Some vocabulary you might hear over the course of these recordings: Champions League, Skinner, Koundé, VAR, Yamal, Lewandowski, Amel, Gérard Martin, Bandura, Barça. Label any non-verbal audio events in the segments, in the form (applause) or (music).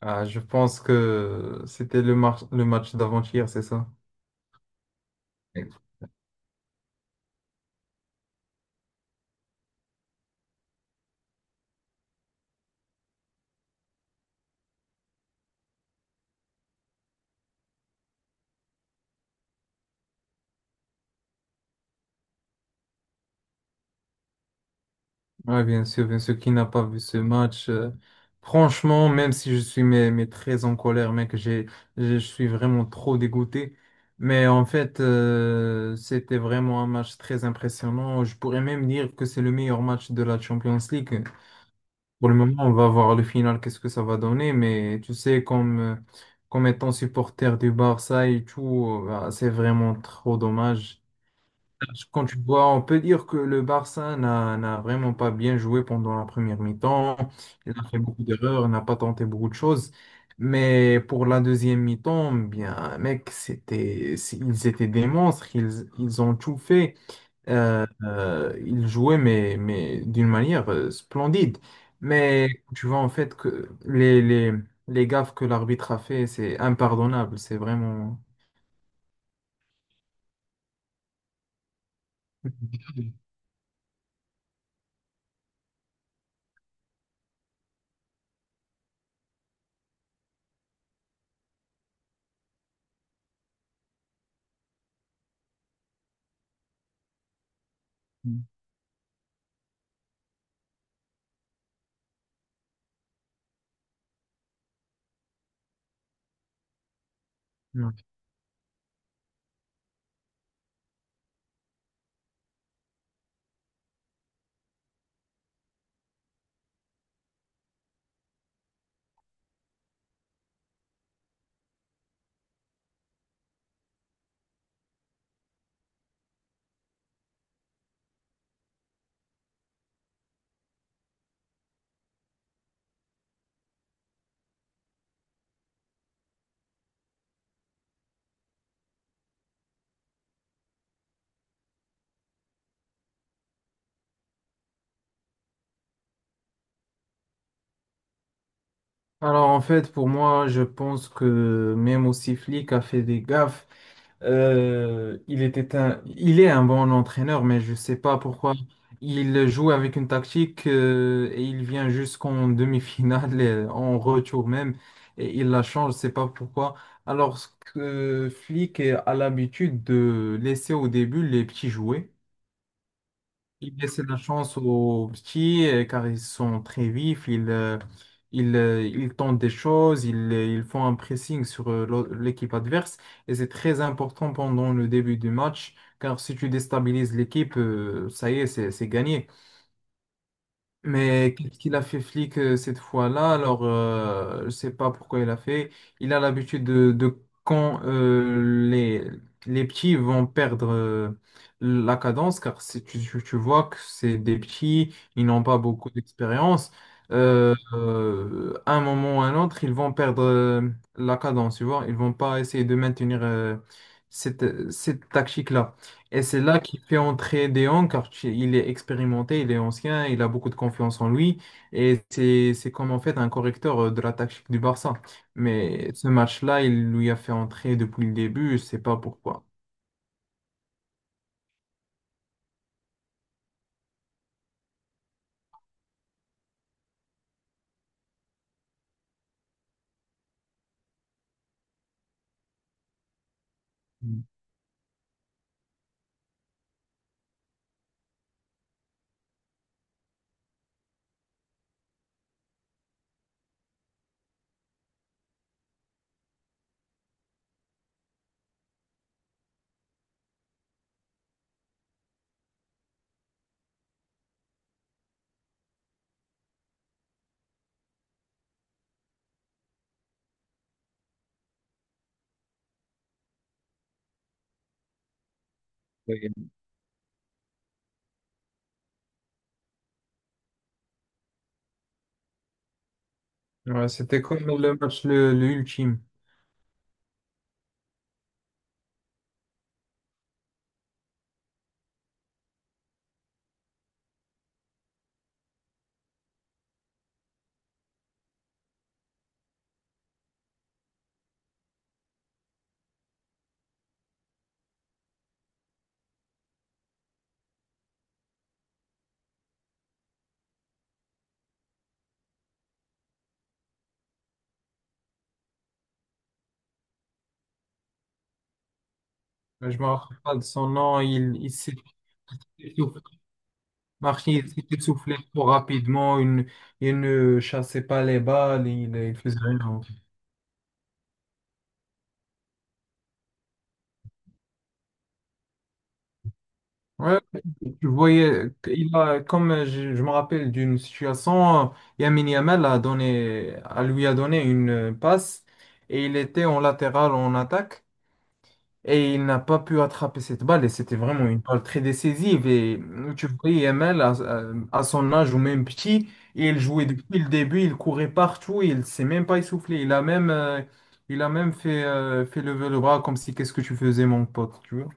Ah, je pense que c'était le match d'avant-hier, c'est ça? Oui, bien sûr, qui n'a pas vu ce match. Franchement, même si je suis mais très en colère, mec, je suis vraiment trop dégoûté. Mais en fait, c'était vraiment un match très impressionnant. Je pourrais même dire que c'est le meilleur match de la Champions League. Pour le moment, on va voir le final, qu'est-ce que ça va donner. Mais tu sais, comme étant supporter du Barça et tout, bah, c'est vraiment trop dommage. Quand tu vois, on peut dire que le Barça n'a vraiment pas bien joué pendant la première mi-temps. Il a fait beaucoup d'erreurs, il n'a pas tenté beaucoup de choses. Mais pour la deuxième mi-temps, bien, mec, c'est- ils étaient des monstres. Ils ont tout fait. Ils jouaient, mais d'une manière splendide. Mais tu vois, en fait, que les gaffes que l'arbitre a fait, c'est impardonnable. C'est vraiment. Alors en fait, pour moi, je pense que même aussi flic a fait des gaffes. Il est un bon entraîneur, mais je sais pas pourquoi il joue avec une tactique et il vient jusqu'en demi-finale, et en retour même, et il la change. Je sais pas pourquoi. Alors que flic a l'habitude de laisser au début les petits jouer. Il laisse la chance aux petits car ils sont très vifs, ils tentent des choses, ils font un pressing sur l'au- l'équipe adverse et c'est très important pendant le début du match car si tu déstabilises l'équipe, ça y est, c'est gagné. Mais qu'est-ce qu'il a fait flic cette fois-là? Alors, je ne sais pas pourquoi il a fait. Il a l'habitude de quand les, les petits vont perdre la cadence, car c'est- tu vois que c'est des petits, ils n'ont pas beaucoup d'expérience. À un moment ou à un autre, ils vont perdre la cadence, tu vois. Ils vont pas essayer de maintenir cette tactique-là. Et c'est là qu'il fait entrer Deon, car tu- il est expérimenté, il est ancien, il a beaucoup de confiance en lui. Et c'est comme en fait un correcteur de la tactique du Barça. Mais ce match-là, il lui a fait entrer depuis le début, je sais pas pourquoi. Mm. Ouais, c'était comme le match le ultime. Je me rappelle pas de son nom. Il s'est essoufflé. Martin, il s'est essoufflé trop rapidement. Il ne chassait pas les balles. Il faisait rien. Ouais, tu voyais, comme je me rappelle d'une situation, Yamin Yamal a lui a donné une passe et il était en latéral en attaque. Et il n'a pas pu attraper cette balle et c'était vraiment une balle très décisive. Et tu vois, à- son âge ou même petit, il jouait depuis le début, il courait partout, il ne s'est même pas essoufflé. Il a même fait, fait lever le bras comme si qu'est-ce que tu faisais, mon pote, tu vois.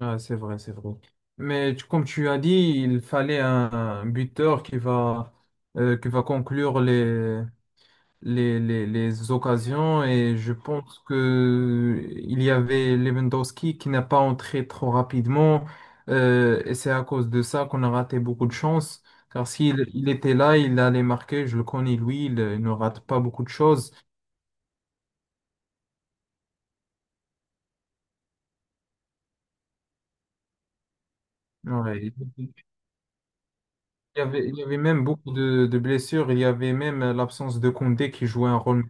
Ah, c'est vrai, c'est vrai. Mais tu- comme tu as dit, il fallait un buteur qui va conclure les. Les occasions et je pense que il y avait Lewandowski qui n'a pas entré trop rapidement et c'est à cause de ça qu'on a raté beaucoup de chance car s'il il était là, il allait marquer, je le connais lui, il ne rate pas beaucoup de choses. Ouais, il y avait même beaucoup de blessures, il y avait même l'absence de Koundé qui jouait un rôle.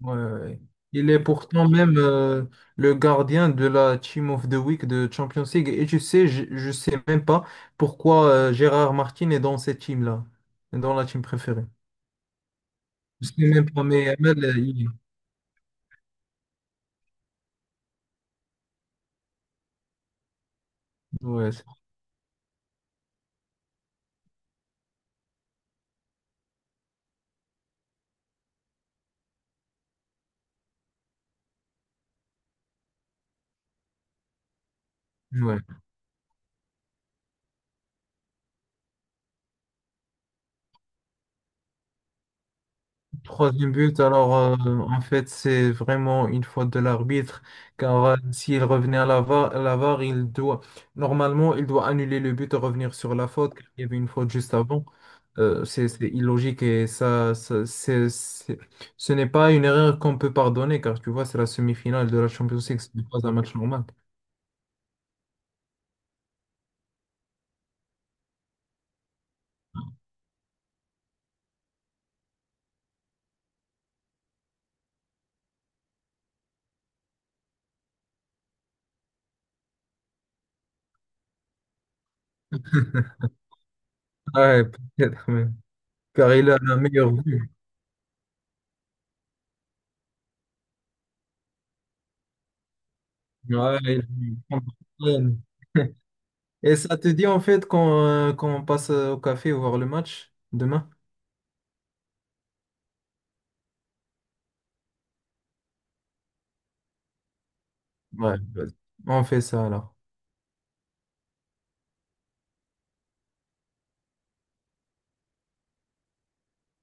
Ouais, ouais, ouais. Il est pourtant même le gardien de la Team of the Week de Champions League. Et tu sais, je sais même pas pourquoi Gérard Martin est dans cette team-là, dans la team préférée. Je sais même pas, mais Amel, il... ouais, c'est- ouais. Troisième but, alors en fait c'est vraiment une faute de l'arbitre car s'il revenait à la VAR, à la VAR, il doit normalement il doit annuler le but et revenir sur la faute car il y avait une faute juste avant. C'est illogique et c'est- ce n'est pas une erreur qu'on peut pardonner car tu vois c'est la semi-finale de la Champions League, ce n'est pas un match normal. (laughs) Ouais, peut-être, mais- car il a la meilleure vue. Ouais, il- (laughs) Et ça te dit en fait qu'on qu'on passe au café voir le match demain? Ouais, vas-y. On fait ça alors.